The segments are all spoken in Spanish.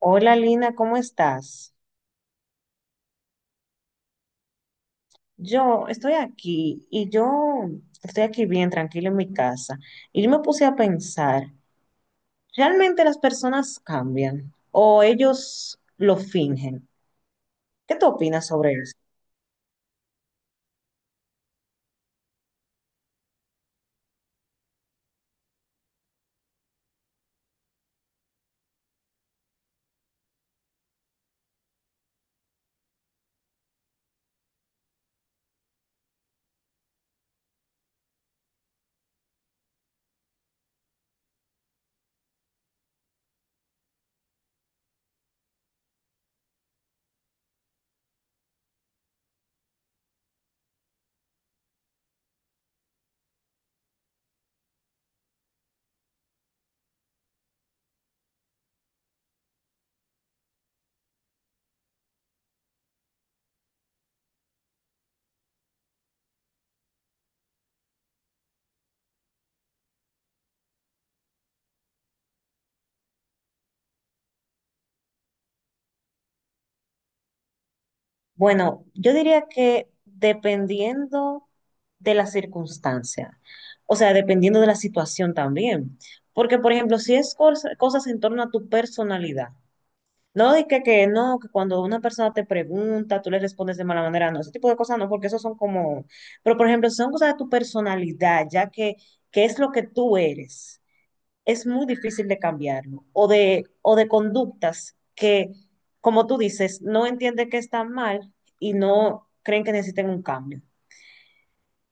Hola Lina, ¿cómo estás? Yo estoy aquí bien tranquila en mi casa y yo me puse a pensar, ¿realmente las personas cambian o ellos lo fingen? ¿Qué tú opinas sobre eso? Bueno, yo diría que dependiendo de la circunstancia, o sea, dependiendo de la situación también, porque por ejemplo, si es cosas en torno a tu personalidad. No, de que no, que cuando una persona te pregunta, tú le respondes de mala manera, no, ese tipo de cosas no, porque eso son como, pero por ejemplo, son cosas de tu personalidad, ya que es lo que tú eres, es muy difícil de cambiarlo, o o de conductas que, como tú dices, no entienden que están mal y no creen que necesiten un cambio.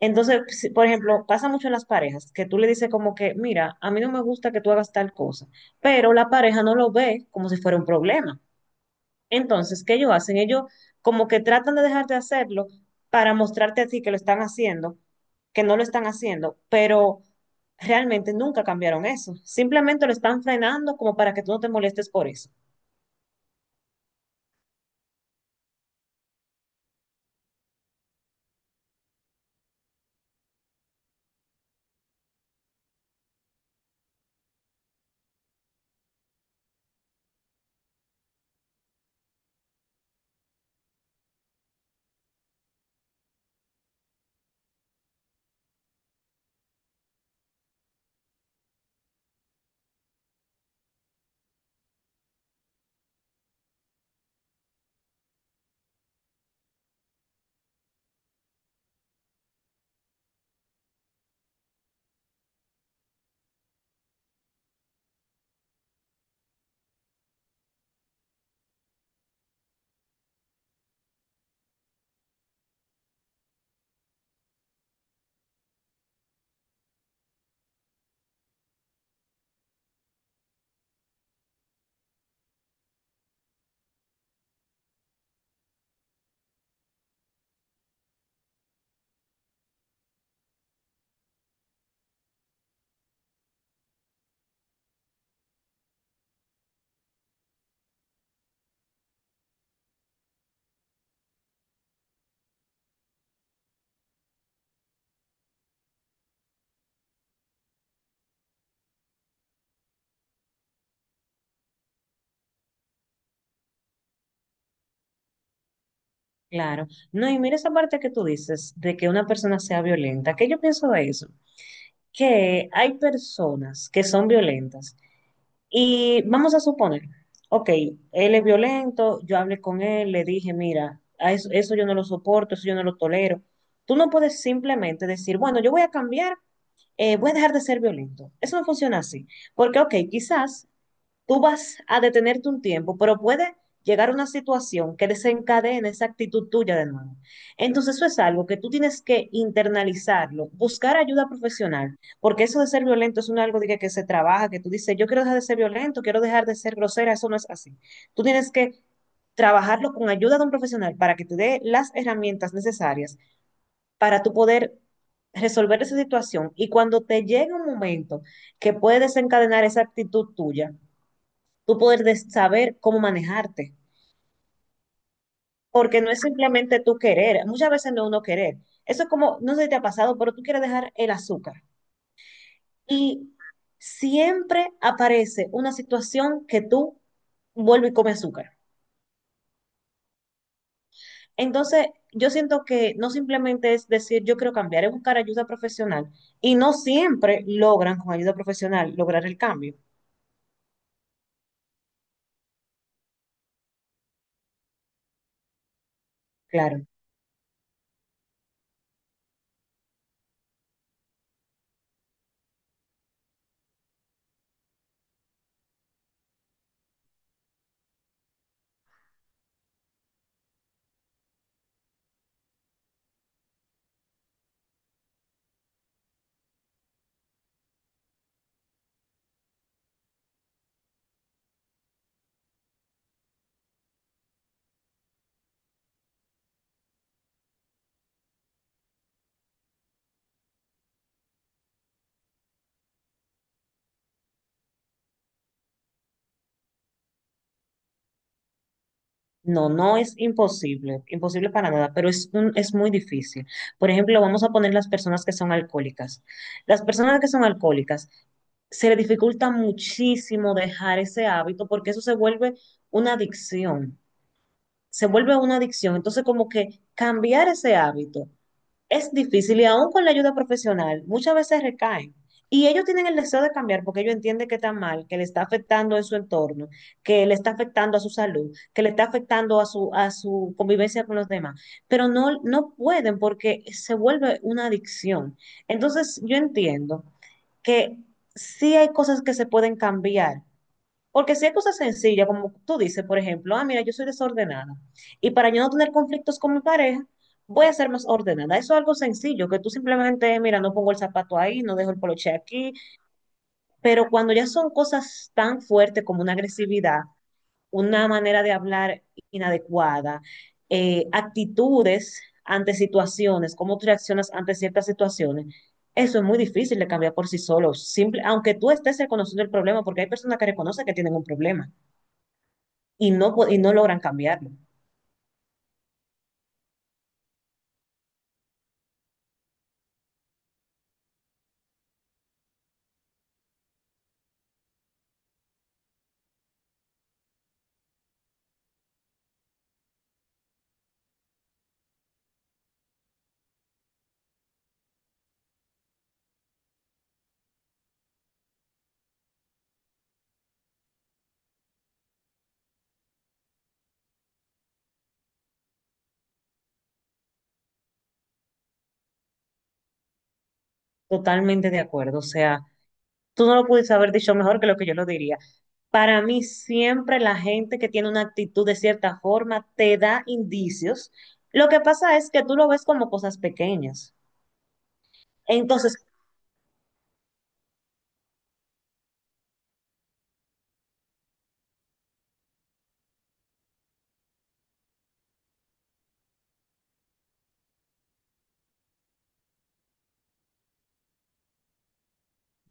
Entonces, por ejemplo, pasa mucho en las parejas, que tú le dices como que, mira, a mí no me gusta que tú hagas tal cosa, pero la pareja no lo ve como si fuera un problema. Entonces, ¿qué ellos hacen? Ellos como que tratan de dejar de hacerlo para mostrarte a ti que lo están haciendo, que no lo están haciendo, pero realmente nunca cambiaron eso. Simplemente lo están frenando como para que tú no te molestes por eso. Claro. No, y mira esa parte que tú dices de que una persona sea violenta. ¿Qué yo pienso de eso? Que hay personas que son violentas. Y vamos a suponer, ok, él es violento, yo hablé con él, le dije, mira, a eso yo no lo soporto, eso yo no lo tolero. Tú no puedes simplemente decir, bueno, yo voy a cambiar, voy a dejar de ser violento. Eso no funciona así. Porque, ok, quizás tú vas a detenerte un tiempo, pero puede llegar una situación que desencadene esa actitud tuya de nuevo. Entonces eso es algo que tú tienes que internalizarlo, buscar ayuda profesional, porque eso de ser violento es un algo de que se trabaja, que tú dices, yo quiero dejar de ser violento, quiero dejar de ser grosera, eso no es así. Tú tienes que trabajarlo con ayuda de un profesional para que te dé las herramientas necesarias para tú poder resolver esa situación y cuando te llegue un momento que puede desencadenar esa actitud tuya, tú poder saber cómo manejarte, porque no es simplemente tú querer, muchas veces no es uno querer. Eso es como, no sé si te ha pasado, pero tú quieres dejar el azúcar y siempre aparece una situación que tú vuelves y comes azúcar. Entonces, yo siento que no simplemente es decir yo quiero cambiar, es buscar ayuda profesional y no siempre logran con ayuda profesional lograr el cambio. Claro. No, no es imposible, imposible para nada, pero es muy difícil. Por ejemplo, vamos a poner las personas que son alcohólicas. Las personas que son alcohólicas se le dificulta muchísimo dejar ese hábito porque eso se vuelve una adicción, se vuelve una adicción. Entonces, como que cambiar ese hábito es difícil y aún con la ayuda profesional, muchas veces recaen. Y ellos tienen el deseo de cambiar porque ellos entienden que está mal, que le está afectando en su entorno, que le está afectando a su salud, que le está afectando a a su convivencia con los demás. Pero no, no pueden porque se vuelve una adicción. Entonces, yo entiendo que sí hay cosas que se pueden cambiar, porque si hay cosas sencillas, como tú dices, por ejemplo, ah, mira, yo soy desordenada. Y para yo no tener conflictos con mi pareja, voy a ser más ordenada. Eso es algo sencillo, que tú simplemente, mira, no pongo el zapato ahí, no dejo el poloche aquí. Pero cuando ya son cosas tan fuertes como una agresividad, una manera de hablar inadecuada, actitudes ante situaciones, cómo tú reaccionas ante ciertas situaciones, eso es muy difícil de cambiar por sí solo, simple, aunque tú estés reconociendo el problema, porque hay personas que reconocen que tienen un problema y y no logran cambiarlo. Totalmente de acuerdo. O sea, tú no lo pudiste haber dicho mejor que lo que yo lo diría. Para mí, siempre la gente que tiene una actitud de cierta forma te da indicios. Lo que pasa es que tú lo ves como cosas pequeñas. Entonces,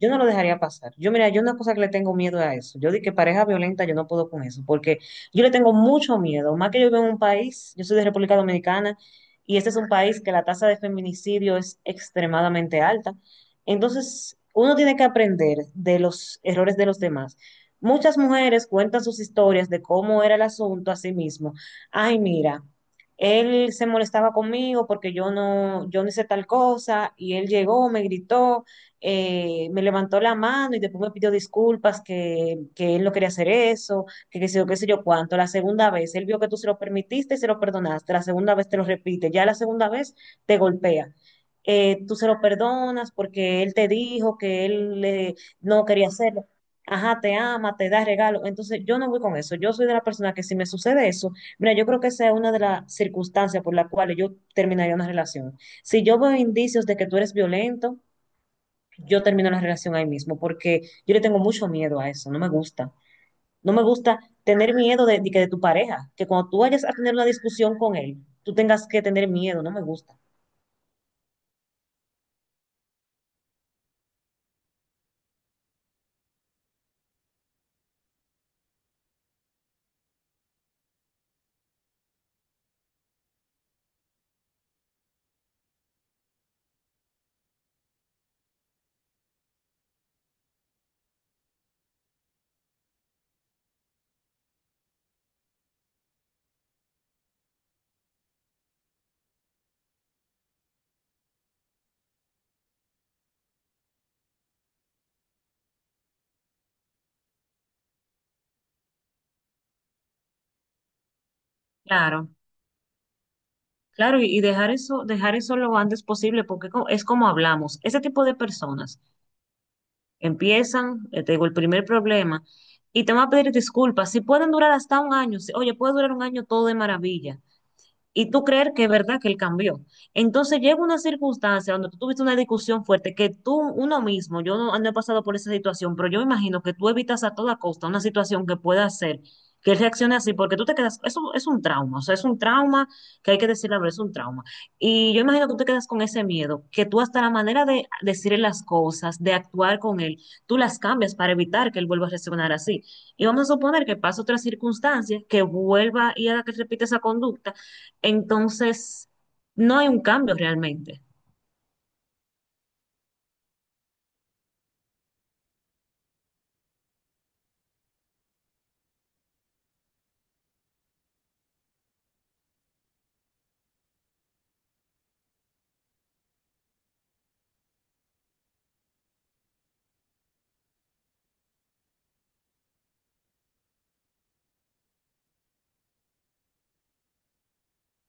yo no lo dejaría pasar. Yo, mira, yo una cosa que le tengo miedo a eso. Yo di que pareja violenta, yo no puedo con eso, porque yo le tengo mucho miedo. Más que yo vivo en un país, yo soy de República Dominicana, y este es un país que la tasa de feminicidio es extremadamente alta. Entonces, uno tiene que aprender de los errores de los demás. Muchas mujeres cuentan sus historias de cómo era el asunto a sí mismo. Ay, mira, él se molestaba conmigo porque yo no hice tal cosa, y él llegó, me gritó me levantó la mano y después me pidió disculpas, que él no quería hacer eso, que qué sé yo cuánto. La segunda vez, él vio que tú se lo permitiste y se lo perdonaste. La segunda vez te lo repite, ya la segunda vez te golpea. Tú se lo perdonas porque él te dijo que él no quería hacerlo. Ajá, te ama, te da regalo. Entonces, yo no voy con eso. Yo soy de la persona que si me sucede eso, mira, yo creo que esa es una de las circunstancias por las cuales yo terminaría una relación. Si yo veo indicios de que tú eres violento, yo termino la relación ahí mismo, porque yo le tengo mucho miedo a eso, no me gusta. No me gusta tener miedo de que de tu pareja, que cuando tú vayas a tener una discusión con él, tú tengas que tener miedo, no me gusta. Claro, claro, y dejar eso lo antes posible, porque es como hablamos. Ese tipo de personas empiezan, te digo, el primer problema y te van a pedir disculpas. Si pueden durar hasta un año, oye, puede durar un año todo de maravilla, y tú creer que es verdad que él cambió. Entonces llega una circunstancia donde tú tuviste una discusión fuerte que tú, uno mismo, yo no, no he pasado por esa situación, pero yo me imagino que tú evitas a toda costa una situación que pueda hacer que él reaccione así, porque tú te quedas, eso es un trauma, o sea, es un trauma que hay que decir la verdad, es un trauma. Y yo imagino que tú te quedas con ese miedo, que tú hasta la manera de decirle las cosas, de actuar con él, tú las cambias para evitar que él vuelva a reaccionar así. Y vamos a suponer que pasa otra circunstancia, que vuelva y haga que repita esa conducta entonces, no hay un cambio realmente.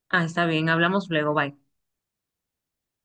Ah, está bien, hablamos luego, bye.